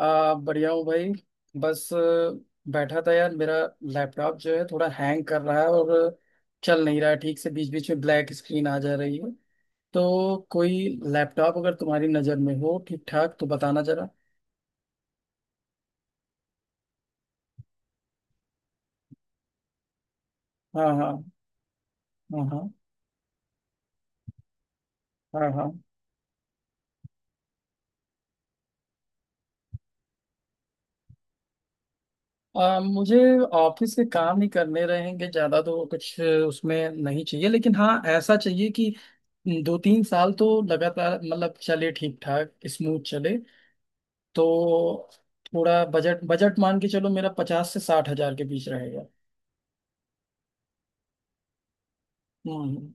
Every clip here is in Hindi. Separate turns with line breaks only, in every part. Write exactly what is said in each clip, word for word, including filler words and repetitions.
आ, बढ़िया हूँ भाई। बस आ, बैठा था यार। मेरा लैपटॉप जो है थोड़ा हैंग कर रहा है और चल नहीं रहा है ठीक से। बीच बीच में ब्लैक स्क्रीन आ जा रही है। तो कोई लैपटॉप अगर तुम्हारी नज़र में हो ठीक ठाक तो बताना जरा। हाँ हाँ। हाँ हाँ। हाँ हाँ। आ, मुझे ऑफिस के काम ही करने रहेंगे। ज़्यादा तो कुछ उसमें नहीं चाहिए, लेकिन हाँ ऐसा चाहिए कि दो तीन साल तो लगातार मतलब चले ठीक ठाक, स्मूथ चले। तो थोड़ा बजट बजट मान के चलो, मेरा पचास से साठ हजार के बीच रहेगा। हम्म।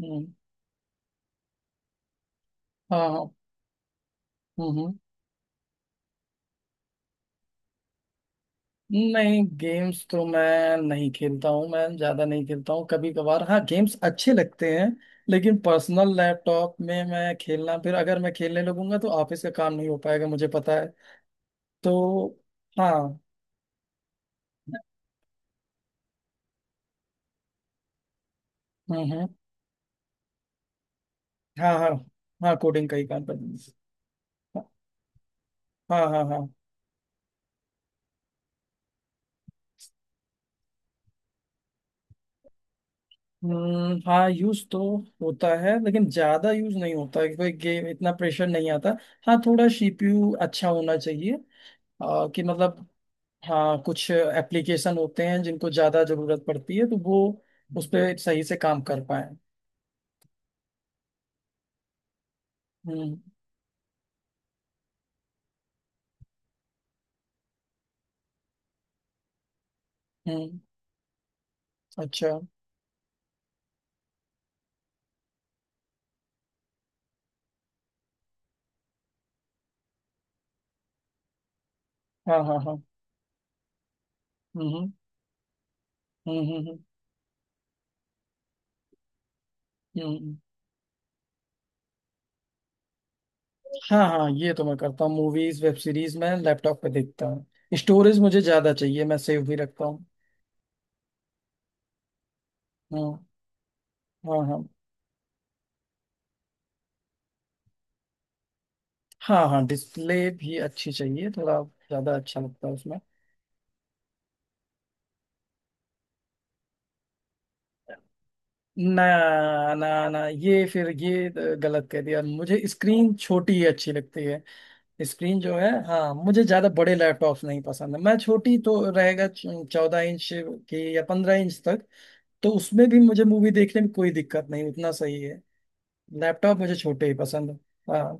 हम्म। हम्म, हाँ हाँ। हम्म। हम्म। नहीं, गेम्स तो मैं नहीं खेलता हूँ। मैं ज्यादा नहीं खेलता हूँ। कभी कभार हाँ गेम्स अच्छे लगते हैं, लेकिन पर्सनल लैपटॉप में मैं खेलना, फिर अगर मैं खेलने लगूंगा तो ऑफिस का काम नहीं हो पाएगा, मुझे पता है। तो हाँ। हम्म हम्म। हाँ हाँ। हाँ, कोडिंग का ही काम करना है। हाँ हाँ हाँ हाँ। हम्म। हाँ, यूज तो होता है लेकिन ज्यादा यूज नहीं होता है। कोई गेम इतना प्रेशर नहीं आता। हाँ थोड़ा सीपीयू अच्छा होना चाहिए। आ, कि मतलब हाँ कुछ एप्लीकेशन होते हैं जिनको ज्यादा जरूरत पड़ती है, तो वो उस पर सही से काम कर पाए। हम्म हम्म। अच्छा। हाँ हाँ। हाँ। हम्म हम्म हम्म हम्म। हम्म। हम्म। हाँ हाँ, ये तो मैं करता हूँ। मूवीज वेब सीरीज मैं लैपटॉप पे देखता हूँ। स्टोरेज मुझे ज्यादा चाहिए, मैं सेव भी रखता हूँ। हम्म। हाँ हाँ। हाँ हाँ, डिस्प्ले भी अच्छी चाहिए। थोड़ा ज्यादा अच्छा लगता है उसमें। ना। ना ना, ये फिर ये गलत कह दिया। मुझे स्क्रीन छोटी ही अच्छी लगती है। स्क्रीन जो है, हाँ मुझे ज्यादा बड़े लैपटॉप्स नहीं पसंद है। मैं छोटी तो रहेगा, चौदह इंच की या पंद्रह इंच तक। तो उसमें भी मुझे मूवी देखने में कोई दिक्कत नहीं, उतना सही है। लैपटॉप मुझे छोटे ही पसंद है। हाँ।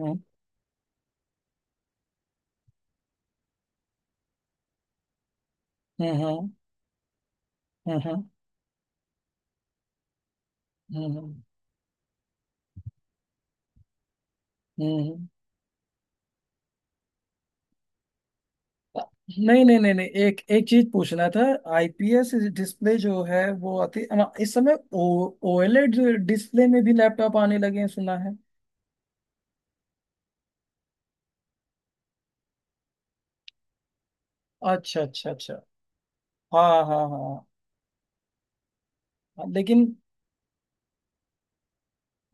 हम्म हम्म। हम्म हम्म। हम्म हम्म। हम्म। नहीं नहीं नहीं नहीं, एक एक चीज पूछना था। आईपीएस डिस्प्ले जो है वो आती अमा- इस समय ओ ओएलईडी डिस्प्ले में भी लैपटॉप आने लगे हैं, सुना है। अच्छा अच्छा अच्छा। हाँ हाँ हाँ। हाँ, लेकिन।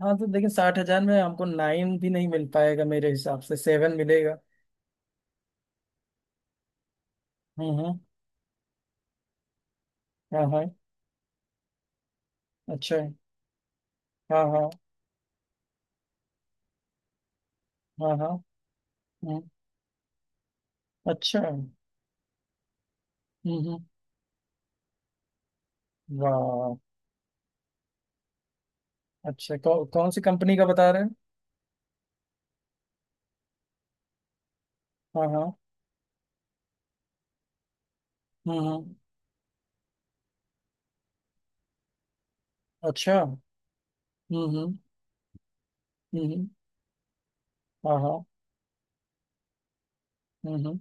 हाँ तो, लेकिन साठ हजार में हमको नाइन भी नहीं मिल पाएगा, मेरे हिसाब से सेवन मिलेगा। हम्म हम्म। हाँ हाँ। अच्छा है। हाँ हाँ हाँ हाँ। हम्म, अच्छा है। हम्म। हम्म। वाह। अच्छा, कौ, कौन सी कंपनी का बता रहे हैं। हाँ हाँ। हम्म हम्म। अच्छा। हम्म हम्म हम्म। हाँ हाँ। हम्म हम्म।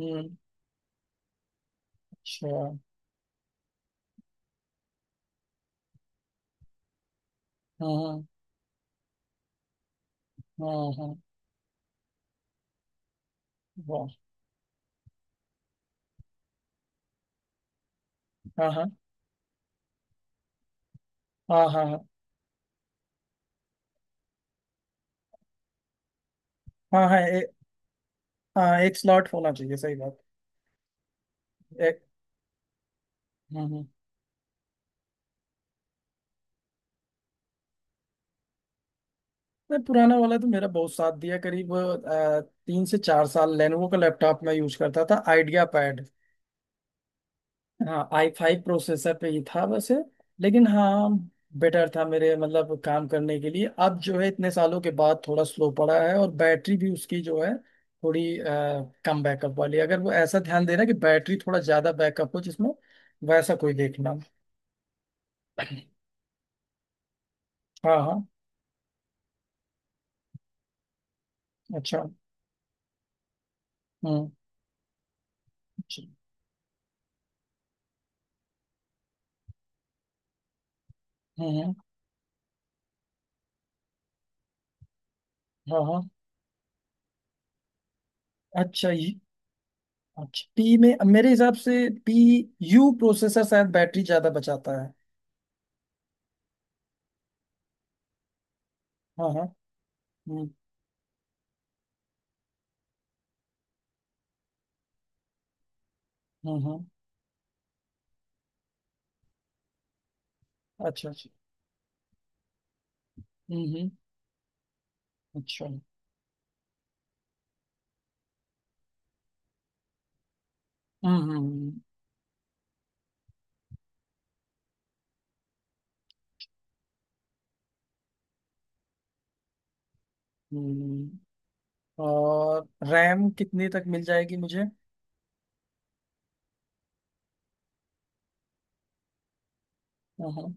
हम्म, अच्छा। हाँ हाँ हाँ। वाह। हाँ हाँ हाँ हाँ। हाँ हाँ हाँ ए- हाँ, एक स्लॉट होना चाहिए, सही बात। एक। हम्म हम्म। नहीं, पुराना वाला तो मेरा बहुत साथ दिया। करीब अ, तीन से चार साल लेनोवो का लैपटॉप मैं यूज करता था, आइडिया पैड। हाँ, आई फाइव प्रोसेसर पे ही था वैसे। लेकिन हाँ बेटर था मेरे, मतलब काम करने के लिए। अब जो है, इतने सालों के बाद थोड़ा स्लो पड़ा है, और बैटरी भी उसकी जो है थोड़ी अ, कम बैकअप वाली है। अगर वो ऐसा ध्यान देना कि बैटरी थोड़ा ज्यादा बैकअप हो जिसमें, वैसा कोई देखना। हाँ हाँ। अच्छा। हम्म। अच्छा, हम्म। हम्म। हाँ हाँ। अच्छा ये। अच्छा, पी में मेरे हिसाब से। पी यू प्रोसेसर शायद बैटरी ज्यादा बचाता है। हाँ हाँ। हम्म हम्म। हम्म, अच्छा अच्छा। हम्म हम्म। अच्छा। हम्म हम्म। हम्म। हम्म। और रैम कितनी तक मिल जाएगी मुझे। हाँ हाँ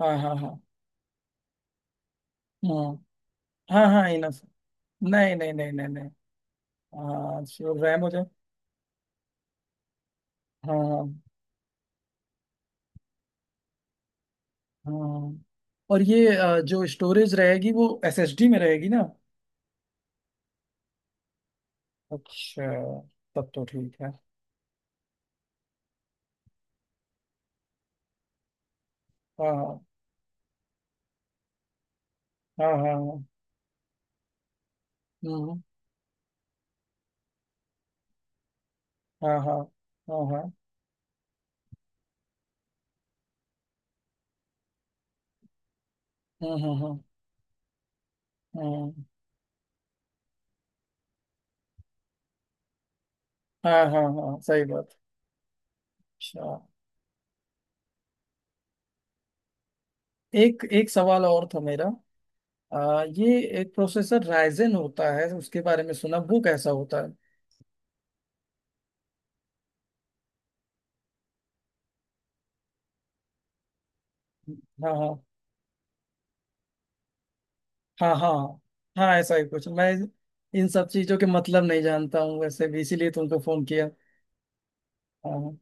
हाँ। हाँ हाँ हाँ हाँ, हाँ इनफ। नहीं नहीं नहीं नहीं नहीं। हाँ, श्योर रैम हो जाए। हाँ हाँ। हाँ। और ये अ, जो स्टोरेज रहेगी वो एसएसडी में रहेगी ना। अच्छा, तब तो ठीक है। हाँ हाँ हाँ हाँ हाँ। हम्म, हाँ हाँ हाँ हाँ। हम्म, हम्म, हम्म, हम्म। हाँ हाँ हाँ, सही बात। अच्छा। एक एक सवाल और था मेरा। आ, ये एक प्रोसेसर राइजन होता है, उसके बारे में सुना वो कैसा होता है। हाँ हाँ। हाँ हाँ। हाँ ऐसा ही कुछ मैं, इन सब चीजों के मतलब नहीं जानता हूँ वैसे भी, इसीलिए तुमको फोन किया। हाँ।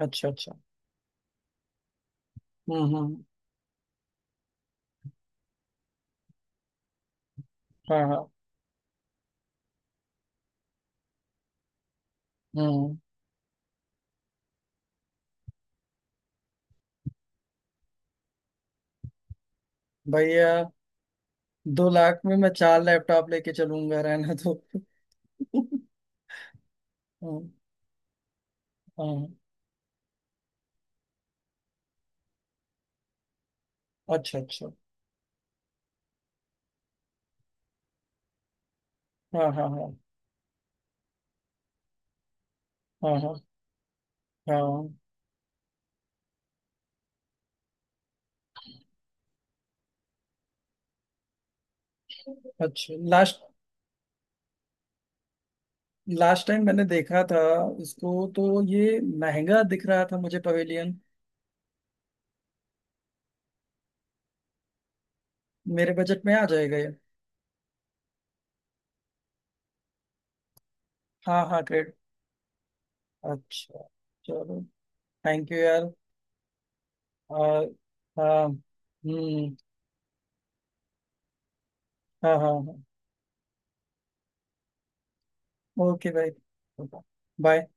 अच्छा अच्छा। हम्म हम्म। हाँ हाँ। हम्म। भैया, दो लाख में मैं चार लैपटॉप लेके चलूंगा रहना तो हम्म, हाँ। अच्छा अच्छा। हाँ हाँ हाँ। हाँ हाँ हाँ। अच्छा, लास्ट। लास्ट टाइम मैंने देखा था, इसको तो ये महंगा दिख रहा था मुझे पवेलियन। मेरे बजट में आ जाएगा ये? हाँ हाँ, ग्रेट। अच्छा। चलो। थैंक यू यार। और। हाँ हम्म। हाँ हाँ हाँ। ओके भाई। बाय।